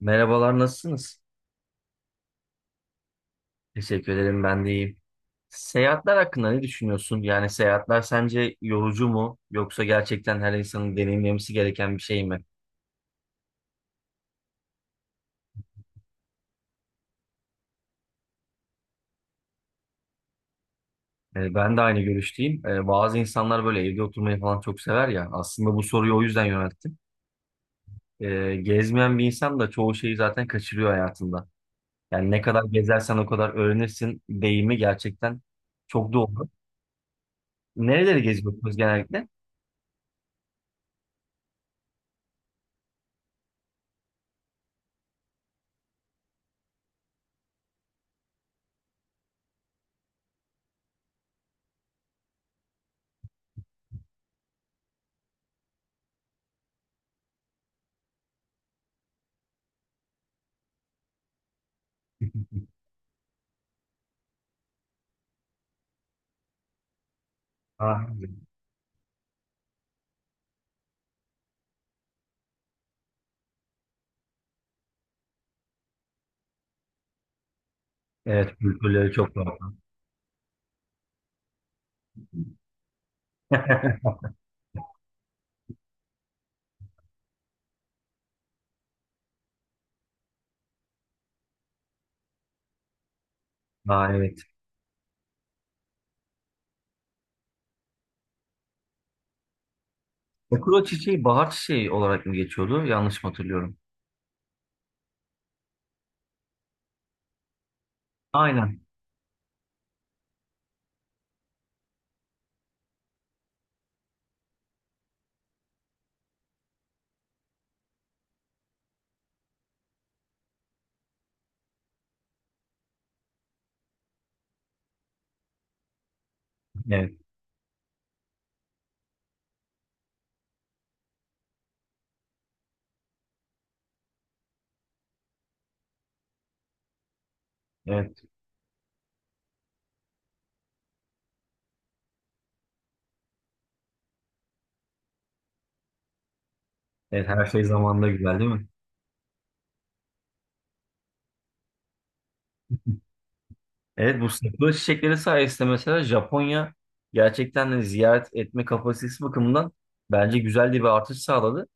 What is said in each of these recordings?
Merhabalar, nasılsınız? Teşekkür ederim, ben de iyiyim. Seyahatler hakkında ne düşünüyorsun? Yani seyahatler sence yorucu mu yoksa gerçekten her insanın deneyimlemesi gereken bir şey mi? Ben de aynı görüşteyim. Bazı insanlar böyle evde oturmayı falan çok sever ya. Aslında bu soruyu o yüzden yönelttim. Gezmeyen bir insan da çoğu şeyi zaten kaçırıyor hayatında. Yani ne kadar gezersen o kadar öğrenirsin deyimi gerçekten çok doğru. Nereleri geziyorsunuz genellikle? Ah, evet, kültürleri çok farklı. Aa, evet. Okuro çiçeği bahar çiçeği olarak mı geçiyordu? Yanlış mı hatırlıyorum? Aynen. Evet. Evet. Evet. Her şey zamanında güzel değil mi? Evet, bu sakura çiçekleri sayesinde mesela Japonya gerçekten de ziyaret etme kapasitesi bakımından bence güzel de bir artış sağladı.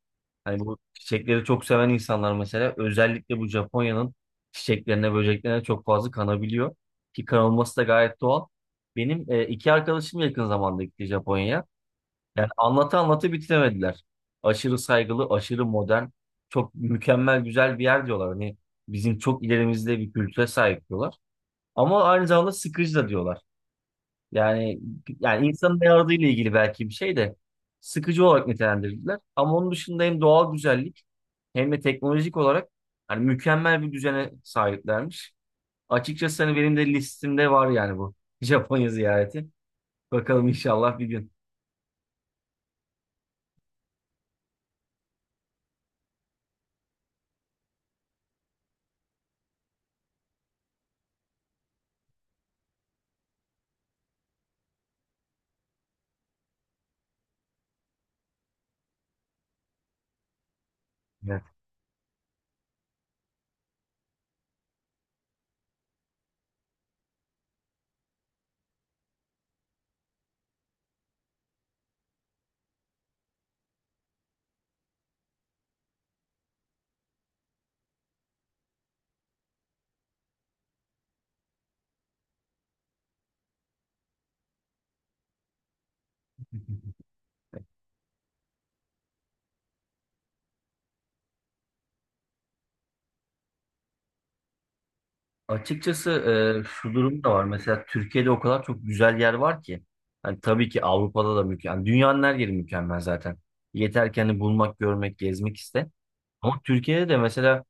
Hani bu çiçekleri çok seven insanlar mesela özellikle bu Japonya'nın çiçeklerine, böceklerine çok fazla kanabiliyor. Ki kanılması da gayet doğal. Benim iki arkadaşım yakın zamanda gitti Japonya'ya. Yani anlatı anlatı bitiremediler. Aşırı saygılı, aşırı modern, çok mükemmel güzel bir yer diyorlar. Hani bizim çok ilerimizde bir kültüre sahip diyorlar. Ama aynı zamanda sıkıcı da diyorlar. Yani yani insanın ne aradığıyla ilgili belki bir şey de sıkıcı olarak nitelendirdiler. Ama onun dışında hem doğal güzellik hem de teknolojik olarak hani mükemmel bir düzene sahiplermiş. Açıkçası hani benim de listemde var, yani bu Japonya ziyareti. Bakalım inşallah bir gün. Evet. Açıkçası şu durum da var. Mesela Türkiye'de o kadar çok güzel yer var ki. Hani tabii ki Avrupa'da da mükemmel. Dünyanın her yeri mükemmel zaten. Yeter ki hani bulmak, görmek, gezmek iste. Ama Türkiye'de de mesela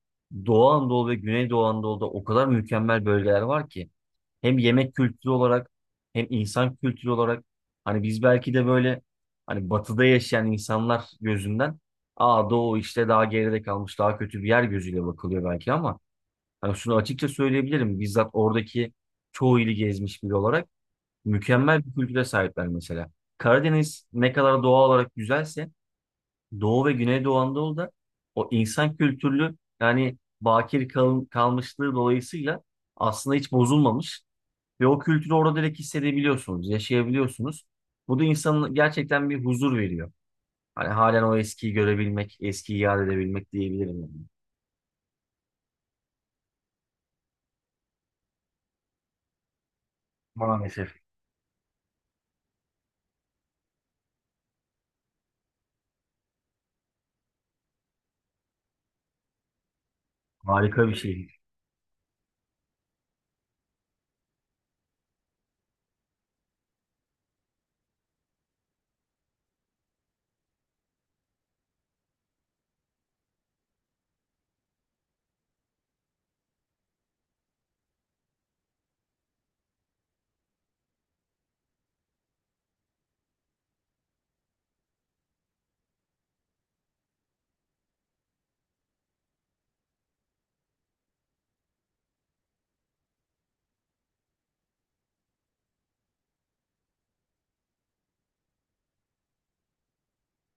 Doğu Anadolu ve Güneydoğu Anadolu'da o kadar mükemmel bölgeler var ki. Hem yemek kültürü olarak hem insan kültürü olarak. Hani biz belki de böyle hani batıda yaşayan insanlar gözünden, aa, Doğu işte daha geride kalmış daha kötü bir yer gözüyle bakılıyor belki ama hani şunu açıkça söyleyebilirim. Bizzat oradaki çoğu ili gezmiş biri olarak mükemmel bir kültüre sahipler mesela. Karadeniz ne kadar doğal olarak güzelse Doğu ve Güneydoğu Anadolu'da o insan kültürlü yani bakir kalmışlığı dolayısıyla aslında hiç bozulmamış ve o kültürü orada direkt hissedebiliyorsunuz, yaşayabiliyorsunuz. Bu da insana gerçekten bir huzur veriyor. Hani halen o eskiyi görebilmek, eskiyi yad edebilmek diyebilirim yani. Maalesef. Harika bir şey.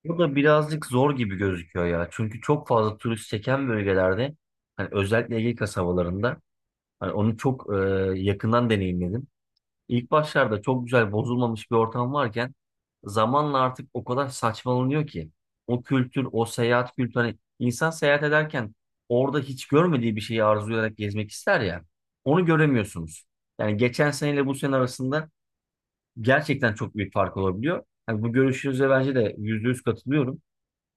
Bu da birazcık zor gibi gözüküyor ya. Çünkü çok fazla turist çeken bölgelerde hani özellikle Ege kasabalarında hani onu çok yakından deneyimledim. İlk başlarda çok güzel bozulmamış bir ortam varken zamanla artık o kadar saçmalanıyor ki o kültür, o seyahat kültürü hani insan seyahat ederken orada hiç görmediği bir şeyi arzulayarak gezmek ister ya. Onu göremiyorsunuz. Yani geçen seneyle bu sene arasında gerçekten çok büyük fark olabiliyor. Yani bu görüşünüze bence de %100 katılıyorum.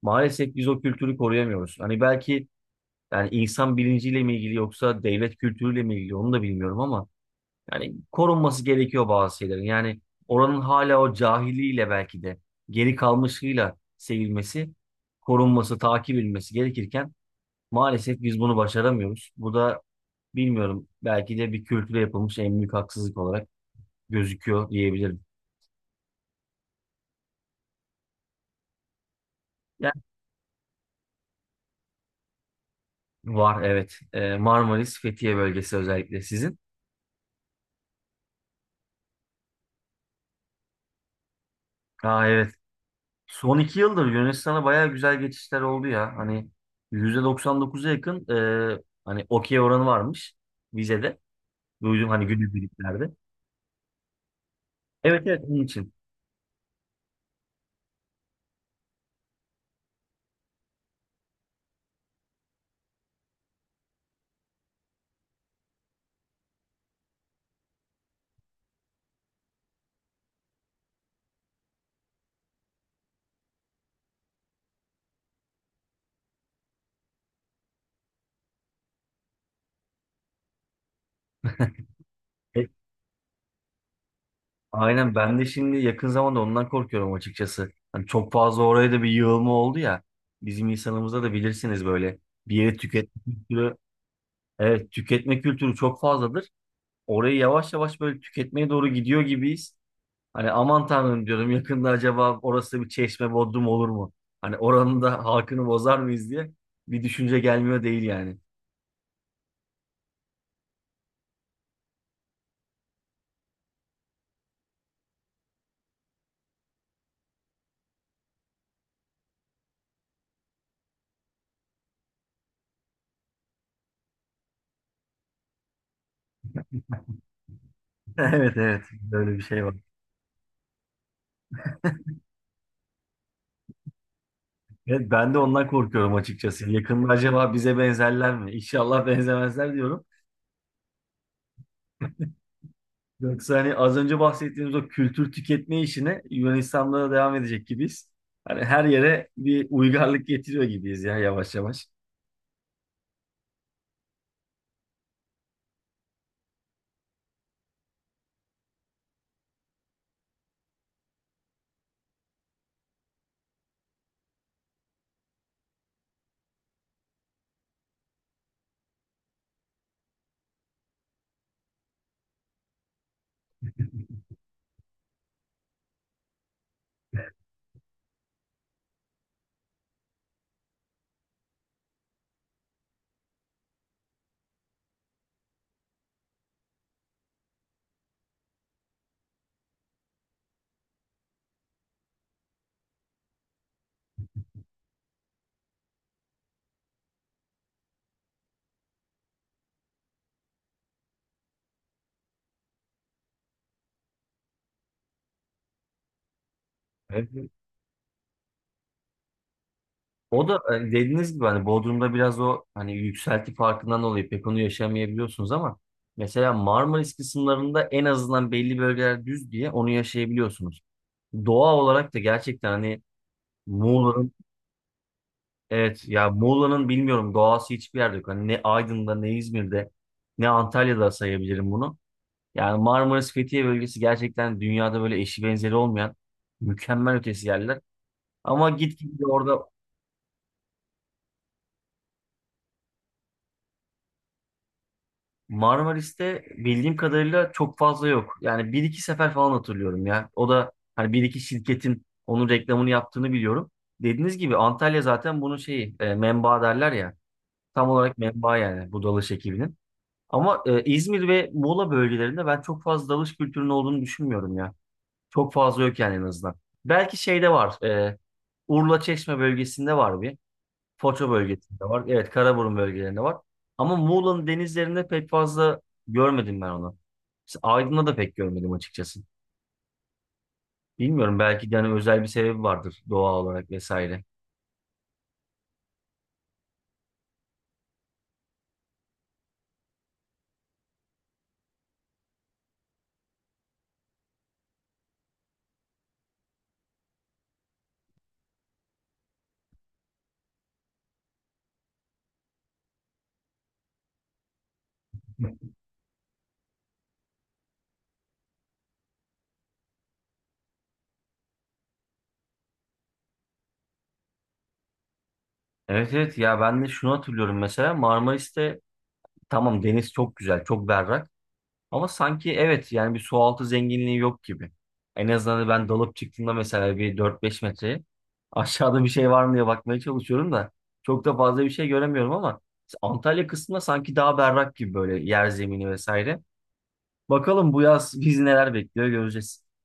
Maalesef biz o kültürü koruyamıyoruz. Hani belki yani insan bilinciyle mi ilgili yoksa devlet kültürüyle mi ilgili onu da bilmiyorum ama yani korunması gerekiyor bazı şeylerin. Yani oranın hala o cahiliyle belki de geri kalmışlığıyla sevilmesi, korunması, takip edilmesi gerekirken maalesef biz bunu başaramıyoruz. Bu da bilmiyorum, belki de bir kültüre yapılmış en büyük haksızlık olarak gözüküyor diyebilirim. Yani var, evet. Marmaris, Fethiye bölgesi özellikle sizin. Aa, evet. Son iki yıldır Yunanistan'a bayağı güzel geçişler oldu ya. Hani %99'a yakın hani okey oranı varmış vizede. Duydum hani günlük birliklerde. Evet, evet, onun için. E, aynen, ben de şimdi yakın zamanda ondan korkuyorum açıkçası. Hani çok fazla oraya da bir yığılma oldu ya. Bizim insanımızda da bilirsiniz böyle bir yeri tüketme kültürü. Evet, tüketme kültürü çok fazladır. Orayı yavaş yavaş böyle tüketmeye doğru gidiyor gibiyiz. Hani aman tanrım diyorum, yakında acaba orası bir çeşme bodrum olur mu? Hani oranın da halkını bozar mıyız diye bir düşünce gelmiyor değil yani. Evet, evet, böyle bir şey var. Evet, ben de ondan korkuyorum açıkçası. Yakında acaba bize benzerler mi? İnşallah benzemezler diyorum. Yoksa hani az önce bahsettiğimiz o kültür tüketme işine Yunanistan'da da devam edecek gibiyiz. Hani her yere bir uygarlık getiriyor gibiyiz ya yavaş yavaş. Evet. O da dediğiniz gibi hani Bodrum'da biraz o hani yükselti farkından dolayı pek onu yaşamayabiliyorsunuz ama mesela Marmaris kısımlarında en azından belli bölgeler düz diye onu yaşayabiliyorsunuz. Doğa olarak da gerçekten hani Muğla'nın, evet ya, Muğla'nın bilmiyorum doğası hiçbir yerde yok. Hani ne Aydın'da ne İzmir'de ne Antalya'da sayabilirim bunu. Yani Marmaris Fethiye bölgesi gerçekten dünyada böyle eşi benzeri olmayan mükemmel ötesi yerler. Ama git git orada Marmaris'te bildiğim kadarıyla çok fazla yok. Yani bir iki sefer falan hatırlıyorum ya. O da hani bir iki şirketin onun reklamını yaptığını biliyorum. Dediğiniz gibi Antalya zaten bunun şeyi menbaı derler ya. Tam olarak menbaı yani bu dalış ekibinin. Ama İzmir ve Muğla bölgelerinde ben çok fazla dalış kültürünün olduğunu düşünmüyorum ya. Çok fazla yok yani en azından. Belki şeyde var. Urla Çeşme bölgesinde var bir. Foça bölgesinde var. Evet, Karaburun bölgelerinde var. Ama Muğla'nın denizlerinde pek fazla görmedim ben onu. Mesela Aydın'da da pek görmedim açıkçası. Bilmiyorum, belki de hani özel bir sebebi vardır doğa olarak vesaire. Evet, evet ya, ben de şunu hatırlıyorum mesela Marmaris'te tamam deniz çok güzel, çok berrak. Ama sanki evet yani bir sualtı zenginliği yok gibi. En azından ben dalıp çıktığımda mesela bir 4 5 metreye aşağıda bir şey var mı diye bakmaya çalışıyorum da çok da fazla bir şey göremiyorum ama Antalya kısmında sanki daha berrak gibi böyle yer zemini vesaire. Bakalım bu yaz bizi neler bekliyor göreceğiz.